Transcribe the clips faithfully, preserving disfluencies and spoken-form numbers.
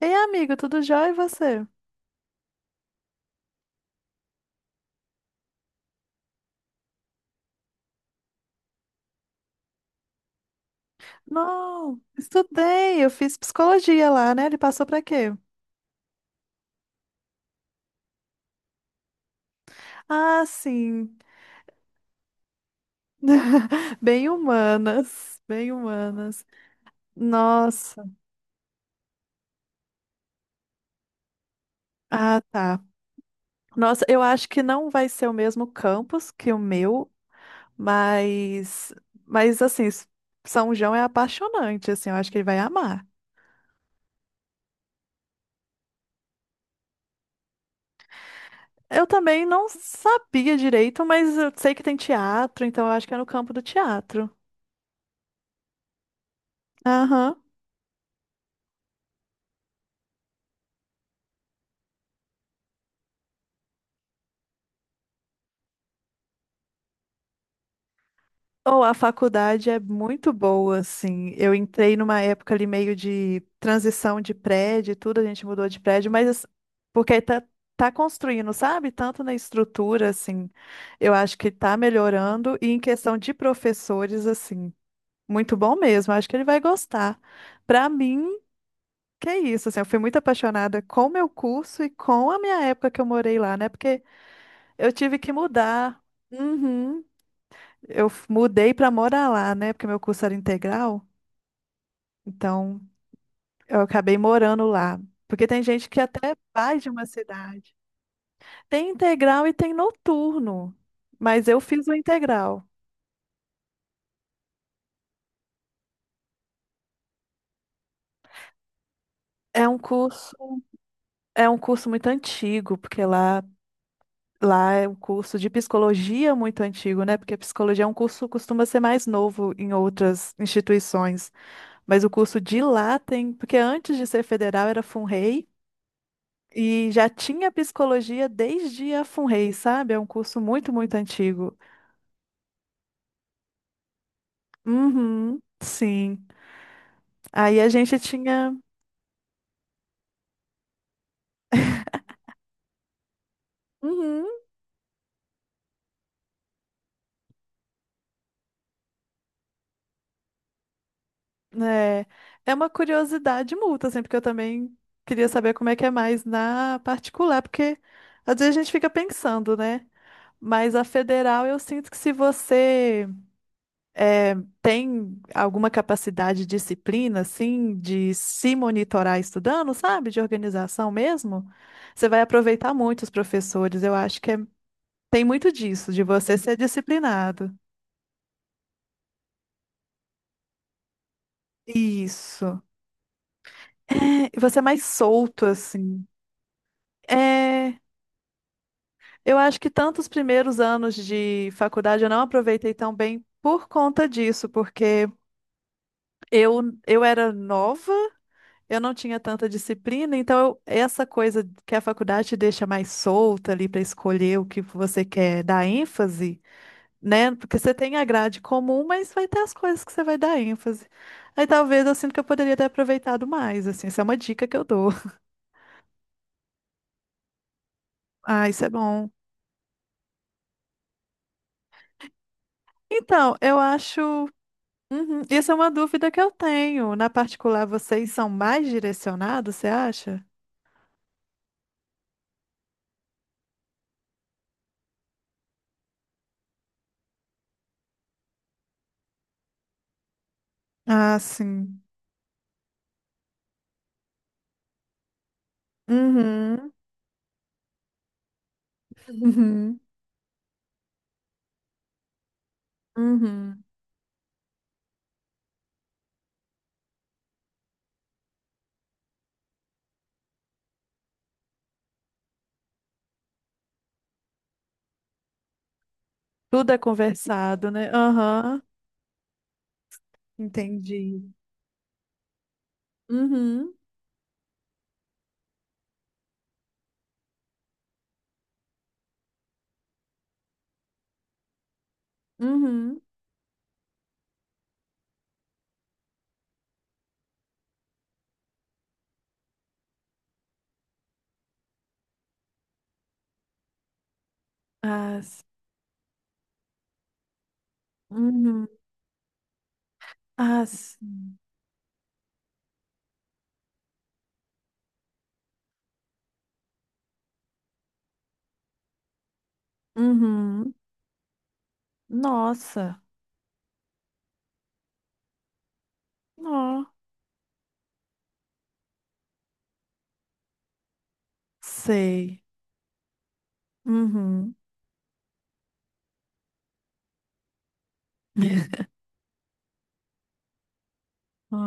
Ei, amigo, tudo jóia e você? Não, estudei, eu fiz psicologia lá, né? Ele passou pra quê? Ah, sim. Bem humanas, bem humanas. Nossa. Ah, tá. Nossa, eu acho que não vai ser o mesmo campus que o meu, mas mas assim, São João é apaixonante, assim, eu acho que ele vai amar. Eu também não sabia direito, mas eu sei que tem teatro, então eu acho que é no campo do teatro. Aham. Oh, a faculdade é muito boa, assim. Eu entrei numa época ali meio de transição de prédio e tudo, a gente mudou de prédio, mas assim, porque tá, tá construindo, sabe? Tanto na estrutura, assim, eu acho que tá melhorando, e em questão de professores, assim, muito bom mesmo. Acho que ele vai gostar. Pra mim, que é isso, assim, eu fui muito apaixonada com o meu curso e com a minha época que eu morei lá, né? Porque eu tive que mudar. Uhum. Eu f- mudei para morar lá, né? Porque meu curso era integral, então eu acabei morando lá. Porque tem gente que até vai de uma cidade. Tem integral e tem noturno, mas eu fiz o integral. É um curso, é um curso muito antigo, porque lá, lá é um curso de psicologia muito antigo, né? Porque psicologia é um curso que costuma ser mais novo em outras instituições, mas o curso de lá tem, porque antes de ser federal era FUNREI. E já tinha psicologia desde a FUNREI, sabe? É um curso muito, muito antigo. Uhum, sim. Aí a gente tinha. Uhum, né? É uma curiosidade mútua, assim, porque eu também queria saber como é que é mais na particular, porque às vezes a gente fica pensando, né? Mas a federal, eu sinto que se você é, tem alguma capacidade, disciplina, assim, de se monitorar estudando, sabe? De organização mesmo? Você vai aproveitar muito os professores. Eu acho que é- tem muito disso, de você ser disciplinado. Isso. É, e você é mais solto, assim. É, eu acho que tanto os primeiros anos de faculdade eu não aproveitei tão bem por conta disso, porque eu, eu era nova. Eu não tinha tanta disciplina, então eu- essa coisa que a faculdade te deixa mais solta ali para escolher o que você quer dar ênfase, né? Porque você tem a grade comum, mas vai ter as coisas que você vai dar ênfase. Aí talvez eu sinto que eu poderia ter aproveitado mais, assim, essa é uma dica que eu dou. Ah, isso é bom. Então, eu acho. Uhum, isso é uma dúvida que eu tenho. Na particular, vocês são mais direcionados, você acha? Ah, sim. Uhum. Uhum. Uhum. Tudo é conversado, né? Aham. Entendi. Uhum. Uhum. As. Uhum. As. Uhum. Nossa. Ó. Sei. Uhum. Ó.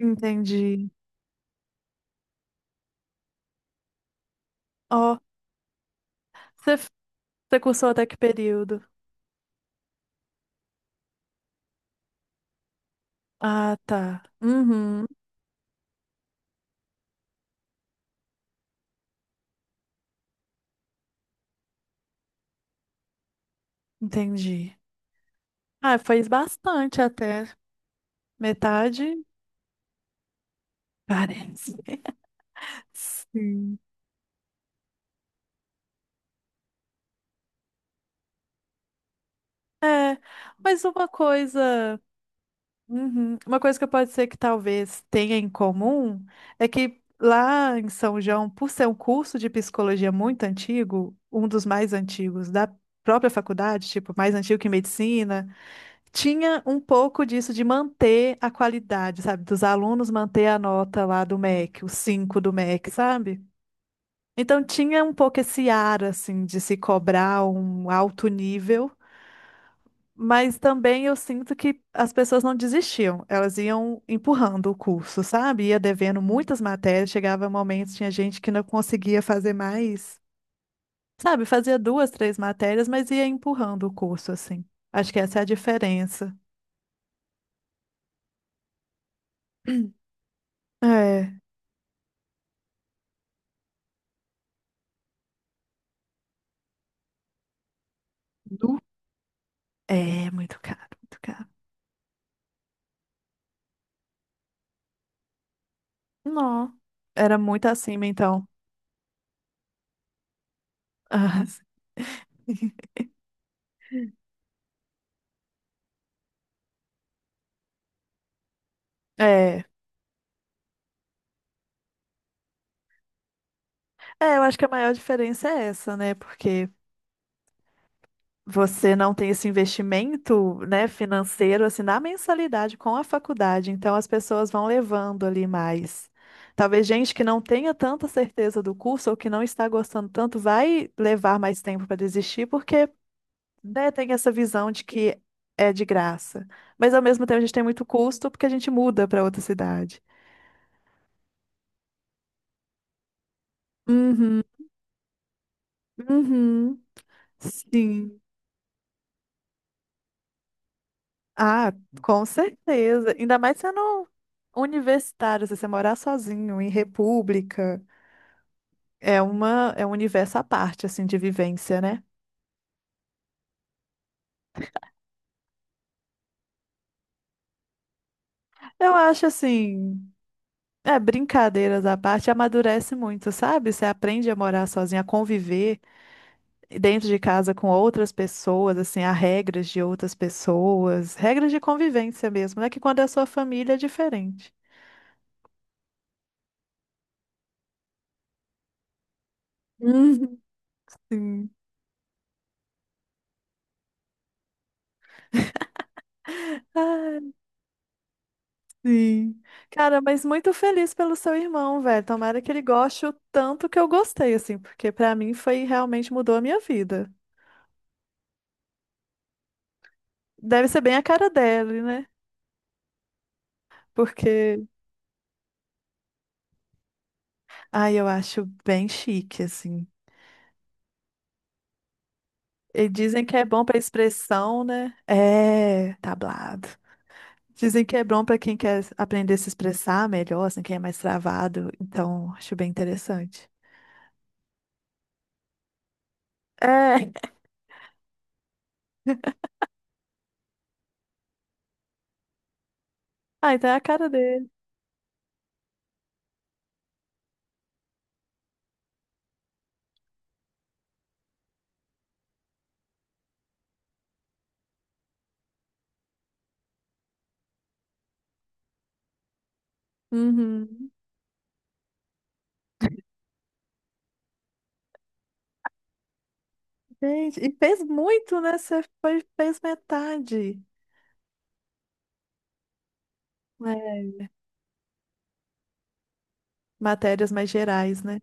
Entendi. Ó. Você você cursou até que período? Ah, tá. Uhum. Entendi. Ah, fez bastante até. Metade? Parece. Sim. Mas uma coisa. Uhum. Uma coisa que pode ser que talvez tenha em comum é que lá em São João, por ser um curso de psicologia muito antigo, um dos mais antigos da própria faculdade, tipo, mais antigo que medicina, tinha um pouco disso de manter a qualidade, sabe? Dos alunos manter a nota lá do MEC, o cinco do MEC, sabe? Então tinha um pouco esse ar, assim, de se cobrar um alto nível, mas também eu sinto que as pessoas não desistiam, elas iam empurrando o curso, sabe? Ia devendo muitas matérias, chegava momentos, tinha gente que não conseguia fazer mais, sabe? Fazia duas, três matérias, mas ia empurrando o curso, assim. Acho que essa é a diferença. É, Nu. É muito caro, muito caro. Não, era muito acima, então. Ah, sim. É, é, eu acho que a maior diferença é essa, né? Porque você não tem esse investimento, né, financeiro assim na mensalidade com a faculdade, então as pessoas vão levando ali mais. Talvez gente que não tenha tanta certeza do curso ou que não está gostando tanto vai levar mais tempo para desistir porque, né, tem essa visão de que é de graça. Mas ao mesmo tempo a gente tem muito custo porque a gente muda para outra cidade. Uhum, uhum, sim. Ah, com certeza. Ainda mais sendo universitário, se você morar sozinho em república, é uma é um universo à parte assim de vivência, né? Eu acho assim, é brincadeiras à parte, amadurece muito, sabe? Você aprende a morar sozinho, a conviver dentro de casa com outras pessoas, assim, há regras de outras pessoas, regras de convivência mesmo, né? Que quando é a sua família é diferente. Uhum. Sim. Ah, sim. Cara, mas muito feliz pelo seu irmão, velho. Tomara que ele goste o tanto que eu gostei, assim, porque pra mim foi realmente mudou a minha vida. Deve ser bem a cara dele, né? Porque, ai, eu acho bem chique, assim. E dizem que é bom pra expressão, né? É, tablado. Dizem que é bom pra quem quer aprender a se expressar melhor, assim, quem é mais travado. Então, acho bem interessante. É. Ah, então é a cara dele. Uhum. Gente, e fez muito, né? Você foi, fez metade, né? Matérias mais gerais, né?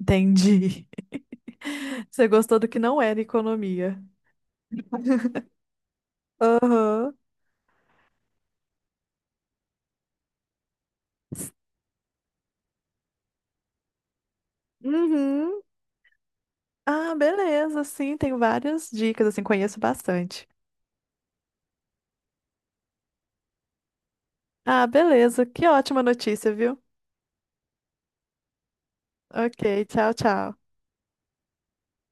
Entendi. Você gostou do que não era economia. Aham. Uhum. Ah, beleza. Sim, tem várias dicas, assim, conheço bastante. Ah, beleza. Que ótima notícia, viu? Ok, tchau, tchau.